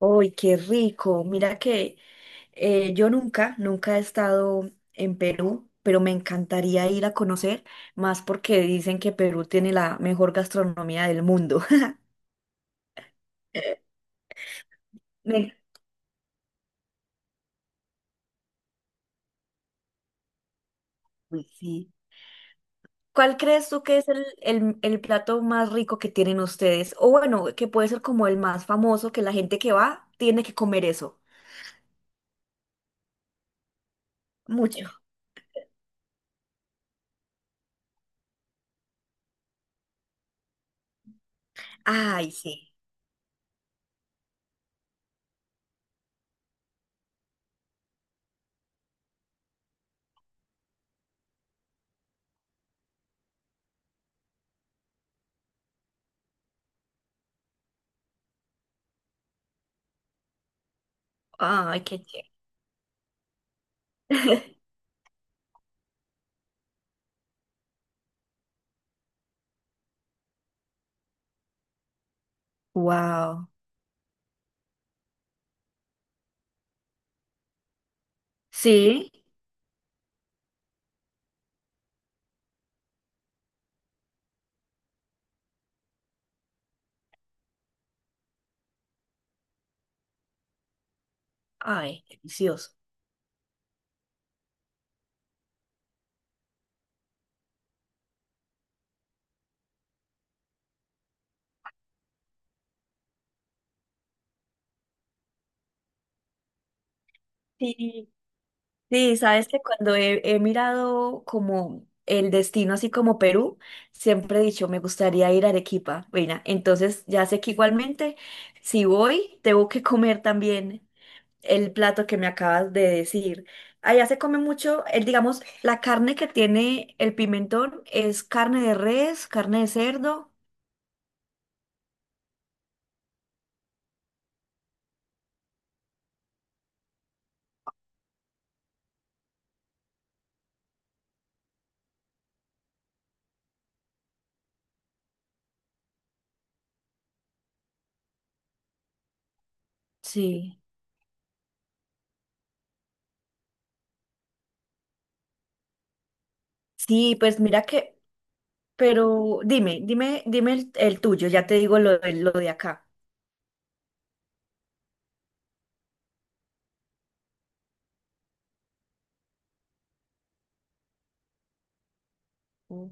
¡Uy, qué rico! Mira que yo nunca he estado en Perú, pero me encantaría ir a conocer, más porque dicen que Perú tiene la mejor gastronomía del mundo. Me- Uy, sí. ¿Cuál crees tú que es el plato más rico que tienen ustedes? O bueno, que puede ser como el más famoso, que la gente que va tiene que comer eso. Mucho. Ay, sí. Ay, qué chévere. Wow. Sí. Ay, delicioso. Sí, sí, sabes que cuando he mirado como el destino, así como Perú, siempre he dicho, me gustaría ir a Arequipa. Bueno, entonces ya sé que igualmente, si voy, tengo que comer también el plato que me acabas de decir. Allá se come mucho, el, digamos, la carne que tiene el pimentón es carne de res, carne de cerdo. Sí. Sí, pues mira que, pero dime el tuyo, ya te digo lo, lo de acá. Mm.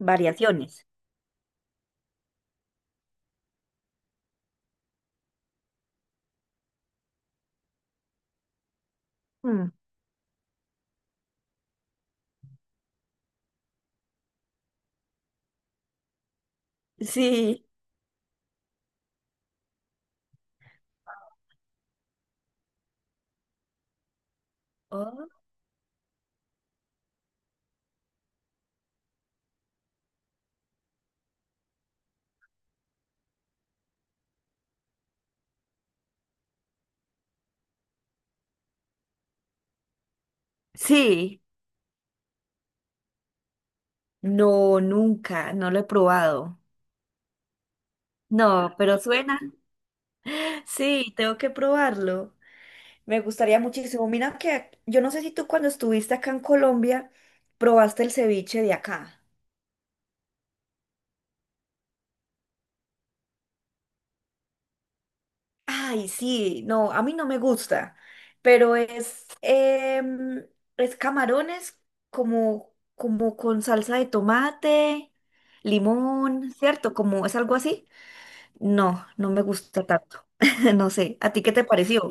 Variaciones. Sí. Oh. Sí, no, nunca, no lo he probado. No, pero suena. Sí, tengo que probarlo. Me gustaría muchísimo. Mira que yo no sé si tú cuando estuviste acá en Colombia probaste el ceviche de acá. Ay, sí, no, a mí no me gusta, pero es, em, es camarones como, como con salsa de tomate, limón, ¿cierto? Como es algo así. No, no me gusta tanto. No sé, ¿a ti qué te pareció?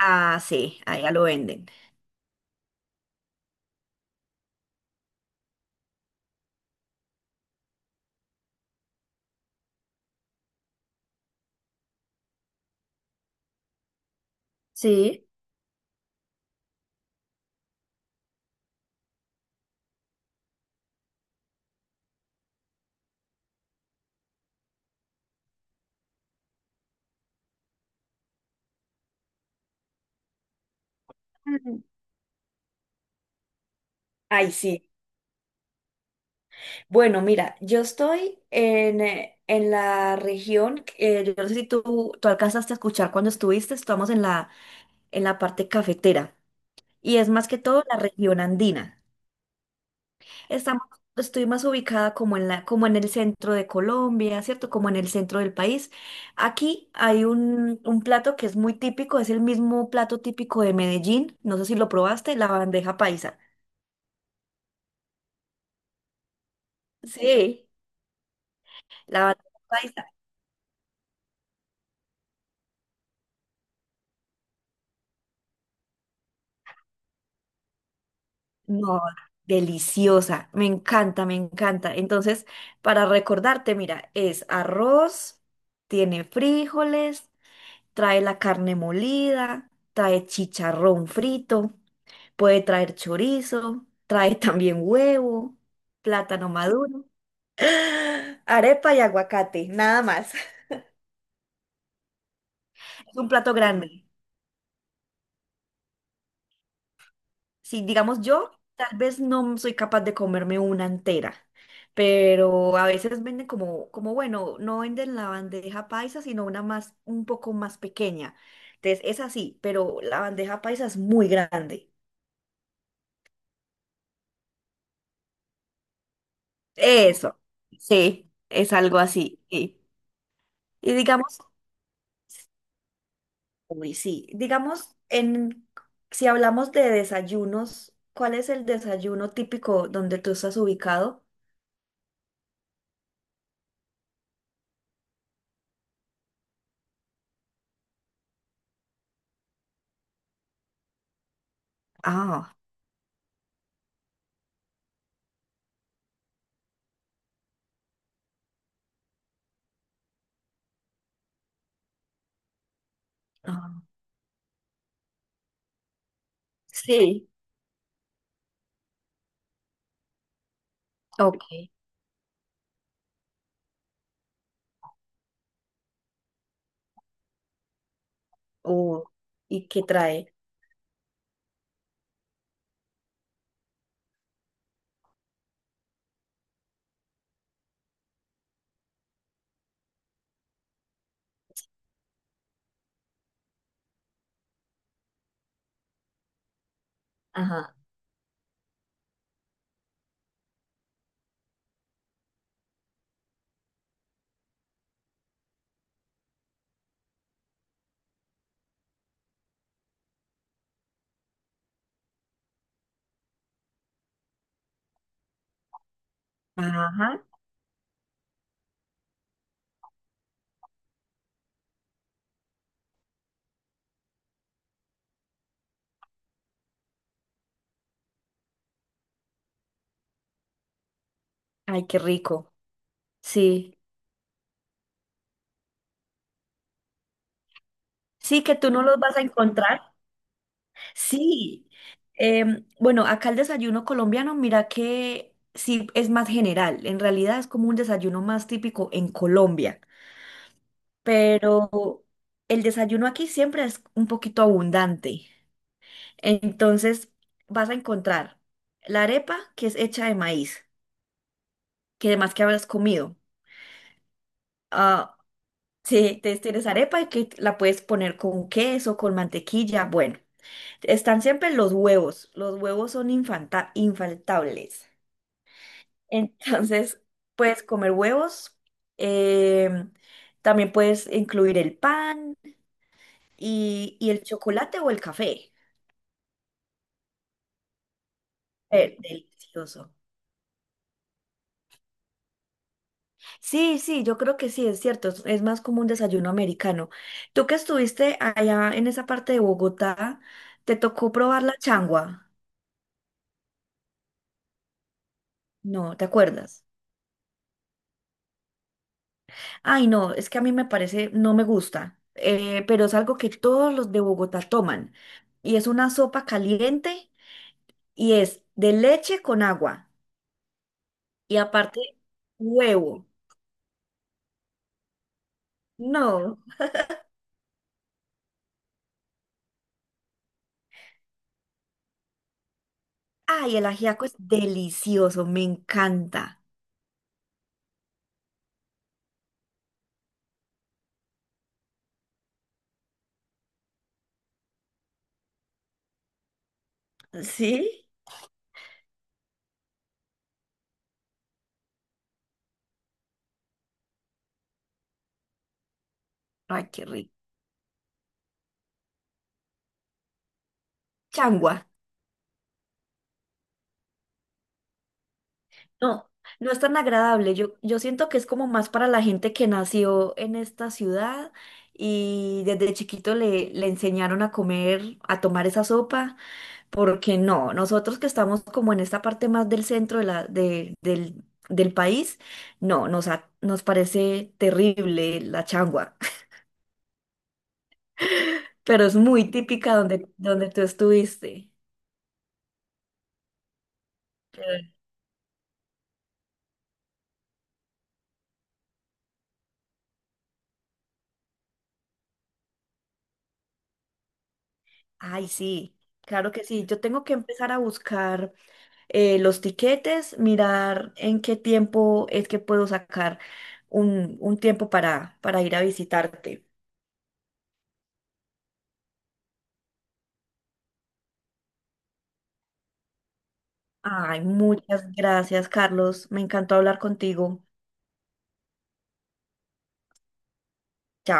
Ah, sí, allá lo venden. Sí. Mm. Ay, sí. Bueno, mira, yo estoy en la región, yo no sé si tú alcanzaste a escuchar cuando estuviste, estamos en la parte cafetera y es más que todo la región andina. Estamos, estoy más ubicada como en la, como en el centro de Colombia, ¿cierto? Como en el centro del país. Aquí hay un plato que es muy típico, es el mismo plato típico de Medellín. No sé si lo probaste, la bandeja paisa. Sí, la bandeja paisa. No, deliciosa. Me encanta, me encanta. Entonces, para recordarte, mira, es arroz, tiene frijoles, trae la carne molida, trae chicharrón frito. Puede traer chorizo, trae también huevo, plátano maduro, arepa y aguacate, nada más. Es un plato grande. Si digamos yo, tal vez no soy capaz de comerme una entera, pero a veces venden como, como bueno, no venden la bandeja paisa, sino una más, un poco más pequeña. Entonces es así, pero la bandeja paisa es muy grande. Eso, sí, es algo así. Sí. Y digamos, uy, sí. Digamos, en, si hablamos de desayunos, ¿cuál es el desayuno típico donde tú estás ubicado? Ah, ah, sí. Ok. Uh, ¿y qué trae? Ajá. Ajá. Ay, qué rico. Sí. Sí, que tú no los vas a encontrar. Sí. Bueno, acá el desayuno colombiano, mira que sí es más general. En realidad es como un desayuno más típico en Colombia. Pero el desayuno aquí siempre es un poquito abundante. Entonces vas a encontrar la arepa que es hecha de maíz, que además que habrás comido. Ah, sí, tienes arepa y que la puedes poner con queso, con mantequilla. Bueno, están siempre los huevos. Los huevos son infaltables. Entonces puedes comer huevos. em, también puedes incluir el pan y el chocolate o el café. Delicioso. Sí, sí, yo creo que sí, es cierto, es más como un desayuno americano. Tú que estuviste allá en esa parte de Bogotá, ¿te tocó probar la changua? No, ¿te acuerdas? Ay, no, es que a mí me parece, no me gusta, pero es algo que todos los de Bogotá toman y es una sopa caliente y es de leche con agua y aparte huevo. No, ay, el ajiaco es delicioso, me encanta. ¿Sí? Ay, qué rico. Changua. No, no es tan agradable. Yo siento que es como más para la gente que nació en esta ciudad y desde chiquito le enseñaron a comer, a tomar esa sopa, porque no, nosotros que estamos como en esta parte más del centro de del país, no, nos, nos parece terrible la changua, pero es muy típica donde, donde tú estuviste. Pero- Ay, sí, claro que sí. Yo tengo que empezar a buscar los tiquetes, mirar en qué tiempo es que puedo sacar un tiempo para ir a visitarte. Ay, muchas gracias, Carlos. Me encantó hablar contigo. Chao.